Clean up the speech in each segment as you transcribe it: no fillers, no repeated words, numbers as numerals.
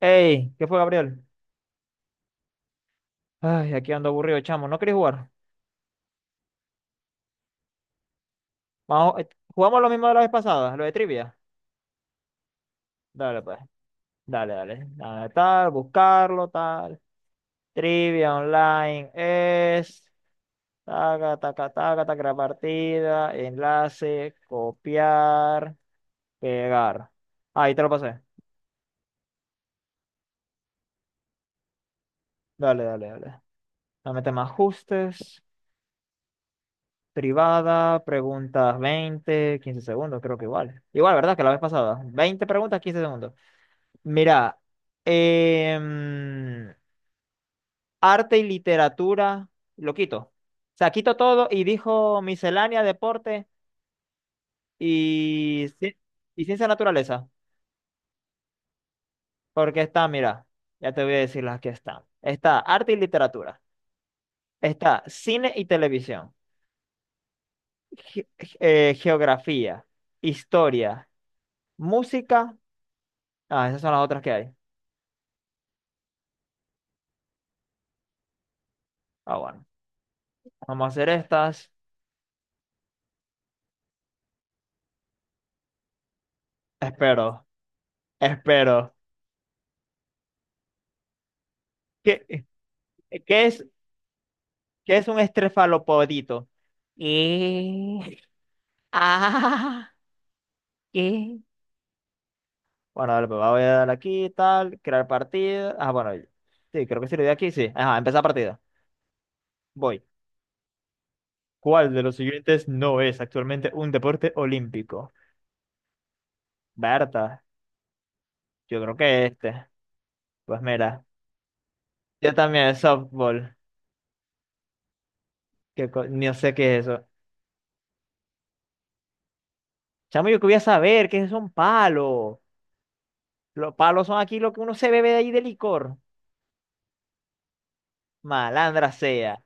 Ey, ¿qué fue, Gabriel? Ay, aquí ando aburrido, chamo. ¿No querés jugar? Vamos, jugamos lo mismo de la vez pasada, lo de trivia. Dale, pues. Dale, dale. Dale, tal, buscarlo, tal. Trivia online es. Taca, taca, taca, taca, la partida, enlace, copiar, pegar. Ahí te lo pasé. Dale, dale, dale. Dame temas ajustes, privada, preguntas 20, 15 segundos, creo que igual. Igual, ¿verdad? Que la vez pasada. 20 preguntas, 15 segundos. Mira, em, arte y literatura, lo quito. O sea, quito todo y dijo miscelánea, deporte y, ci- y ciencia naturaleza. Porque está, mira, ya te voy a decir las que están. Está arte y literatura. Está cine y televisión. ge- Geografía, historia, música. Ah, esas son las otras que hay. Ah, bueno. Vamos a hacer estas. Espero, espero. ¿Qué, qué es? ¿Qué es un estrefalopodito? ¿Qué? Ah, ¿qué? Bueno, dale, pues voy a dar aquí, tal, crear partida. Ah, bueno, sí, creo que sí lo di aquí, sí. Ajá, empezar partida. Voy. ¿Cuál de los siguientes no es actualmente un deporte olímpico? Berta, yo creo que este. Pues mira, yo también, softball. No sé qué es eso. Chamo, yo quería saber qué es un palo. Los palos son aquí lo que uno se bebe de ahí de licor. Malandra sea.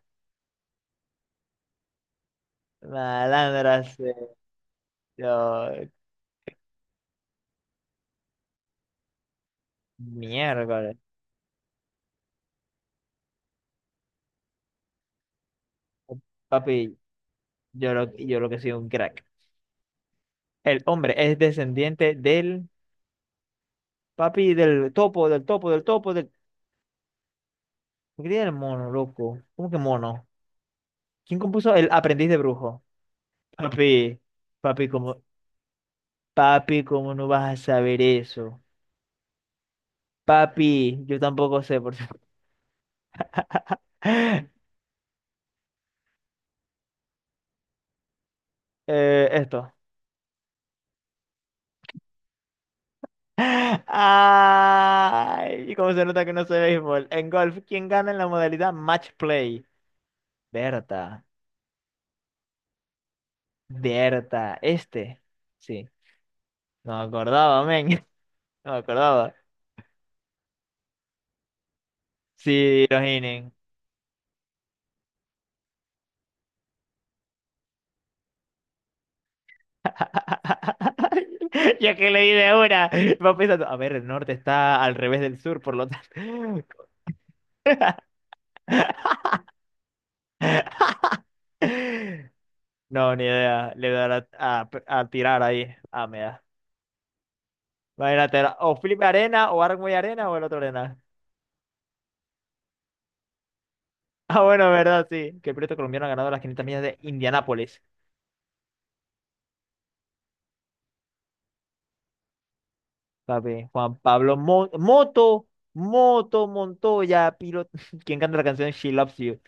Malandra sea. Yo, mierda. Papi, yo lo que soy un crack. El hombre es descendiente del papi, del topo, del topo, del topo, del. ¿Por qué el mono, loco? ¿Cómo que mono? ¿Quién compuso el aprendiz de brujo? Papi, papi, ¿cómo no vas a saber eso? Papi, yo tampoco sé, por cierto. Esto. Ay, ¿cómo se nota que no sé béisbol? En golf, ¿quién gana en la modalidad match play? Berta. Berta, este. Sí, no me acordaba, men. No me acordaba. Sí, los Inen. Ya que leí de una, va pensando, a ver, el norte está al revés del sur, por lo tanto. No, ni idea. Le dará a tirar ahí. Ah, me da. Imagínate, era o Felipe Arena, o Armoy Arena, o el otro Arena. Ah, bueno, verdad, sí. Que el piloto colombiano ha ganado las 500 millas de Indianápolis. Papi, Juan Pablo Montoya, piloto. ¿Quién canta la canción She Loves You?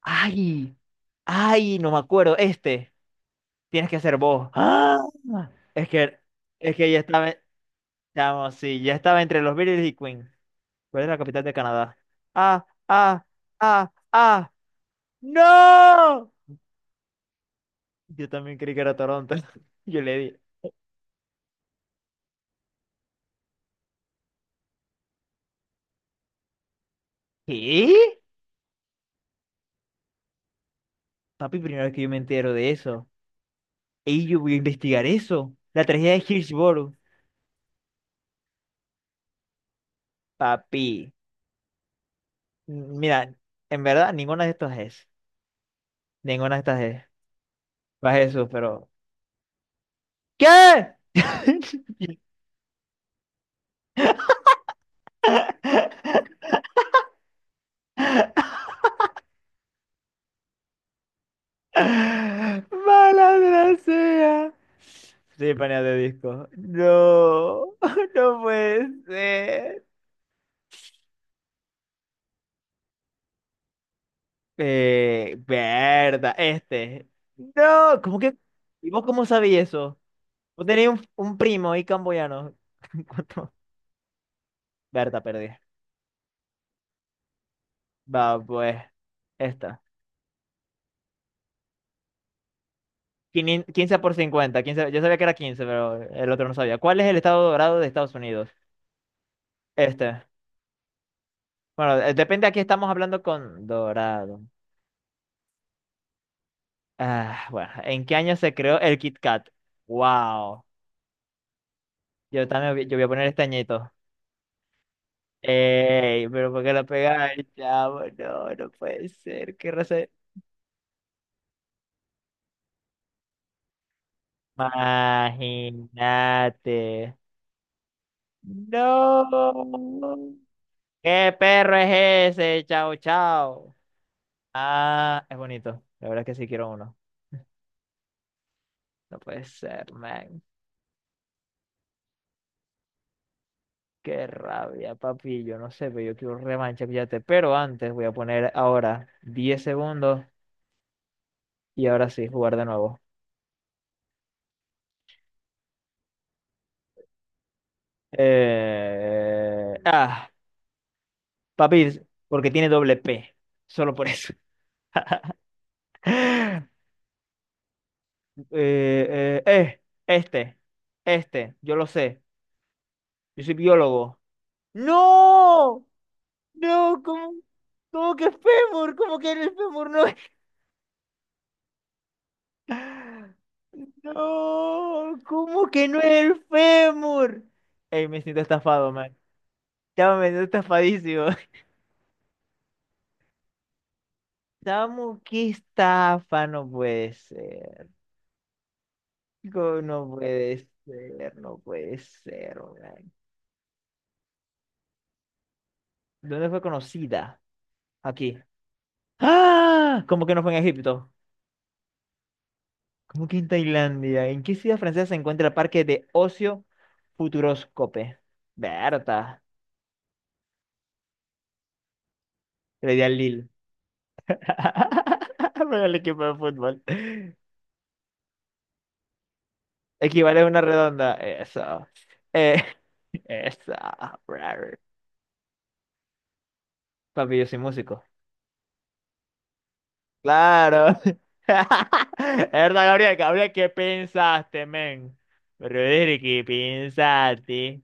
Ay, ay, no me acuerdo. Este, tienes que ser vos. ¡Ah! Es que, es que ya estaba, chamo, sí, ya estaba entre los Beatles y Queen. ¿Cuál es la capital de Canadá? Ah, ah, ah, ah. ¡No! Yo también creí que era Toronto. Yo le di. ¿Qué? Papi, primera vez que yo me entero de eso. Y yo voy a investigar eso. La tragedia de Hillsborough. Papi, mira, en verdad ninguna de estas es. Ninguna de estas es. Va Jesús, pero. ¿Qué? Malandra sea. Sí, panea de disco. No, no puede ser. Verdad, este. No, ¿cómo que? ¿Y vos cómo sabías eso? Vos tenías un primo y camboyano. ¿Cuánto? Berta, perdí. Va, pues. Esta. 15 por 50 15, yo sabía que era 15, pero el otro no sabía. ¿Cuál es el estado dorado de Estados Unidos? Este. Bueno, depende, aquí estamos hablando con dorado. Ah, bueno, ¿en qué año se creó el Kit Kat? Wow. Yo también yo voy a poner este añito. Ey, pero ¿por qué lo pegáis, chavo? No, no puede ser. ¿Qué raza es? Imagínate. No. ¿Qué perro es ese? Chao, chao. Ah, es bonito. La verdad es que sí quiero uno. No puede ser, man. Qué rabia, papi. Yo no sé, pero yo quiero revancha, fíjate. Pero antes voy a poner ahora 10 segundos y ahora sí, jugar de nuevo. Ah, papi, porque tiene doble P. Solo por eso. Eh, eh, eh, este, yo lo sé. Yo soy biólogo. ¡No! No, ¿cómo? ¿Cómo que fémur? ¿Cómo que el fémur no es? No, ¿cómo que no es el fémur? Ey, me siento estafado, man. Ya me siento estafadísimo. Chamo, qué estafa, no puede ser. No puede ser, no puede ser, man. ¿Dónde fue conocida? Aquí. ¡Ah! ¿Cómo que no fue en Egipto? ¿Cómo que en Tailandia? ¿En qué ciudad francesa se encuentra el parque de ocio Futuroscope? Berta. Le di al Lille. Para el equipo de fútbol. Equivale a una redonda. Eso. Eh, Eso. Brother. Papi, yo soy músico. Claro. Es verdad, Gabriel. Gabriel, ¿qué pensaste, men? Brother, ¿qué pensaste?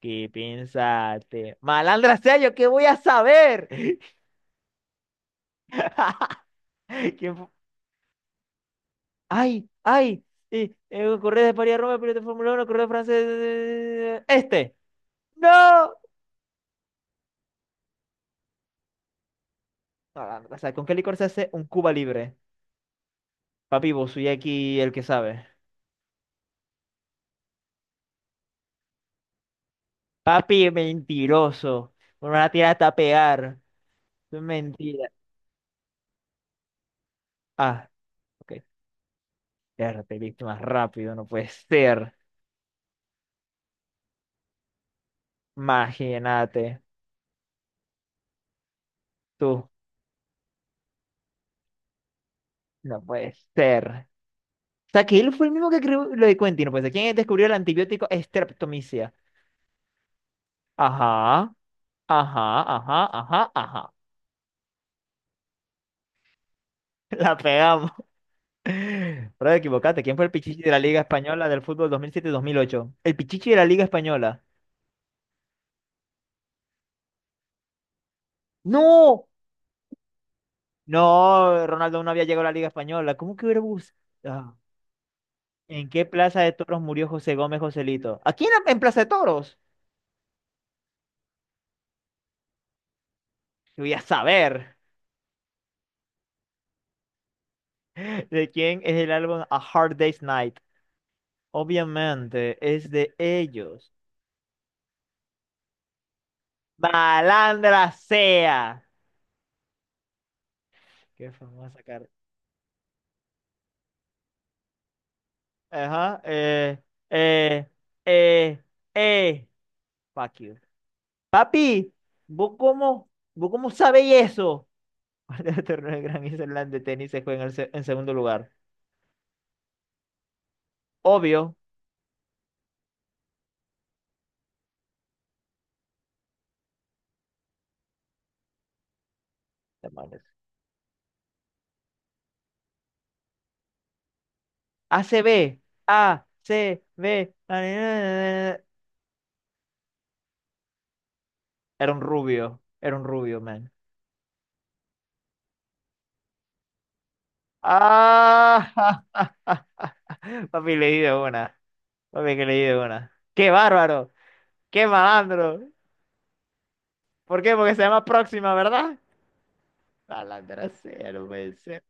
¿Qué pensaste? Malandra sea yo, ¿qué voy a saber? ¿Quién fu- ¡Ay! ¡Ay! Correo de París a Roma, piloto de Fórmula Uno, correo francés. Este. ¡No! No, o sea, ¿con qué licor se hace un Cuba libre? Papi, vos soy aquí el que sabe. Papi, mentiroso. Me van a tirar hasta pegar. Eso es mentira. Ah, ok. Ya te viste más rápido, no puede ser. Imagínate. Tú, no puede ser. O sea, que él fue el mismo que creó lo de Quentin, no puede ser. ¿Quién descubrió el antibiótico streptomicina? Ajá, ajá, ajá, ajá, ajá. La pegamos. Bro, equivocaste. ¿Quién fue el Pichichi de la Liga Española del fútbol 2007-2008? El Pichichi de la Liga Española. ¡No! No, Ronaldo no había llegado a la Liga Española. ¿Cómo que hubiera buscado? ¿En qué plaza de toros murió José Gómez Joselito? ¿Aquí en Plaza de Toros? Yo voy a saber de quién es el álbum A Hard Day's Night. Obviamente es de ellos. ¡Balandra sea! Qué famosa cara. Ajá. Eh, eh, eh. Fuck you. Papi, ¿vos cómo, vos cómo sabéis eso? Cuando el torneo de Gran Island de tenis se juega en segundo lugar. Obvio. Demonios. ACB. ACB. Era un rubio. Era un rubio, man. Ah, papi, leí de una. Papi, que leí de una. ¡Qué bárbaro! ¡Qué malandro! ¿Por qué? Porque se llama Próxima, ¿verdad? Malandra, cero, no puede ser,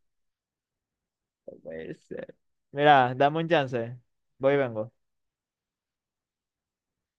no puede ser. Mira, dame un chance. Voy y vengo.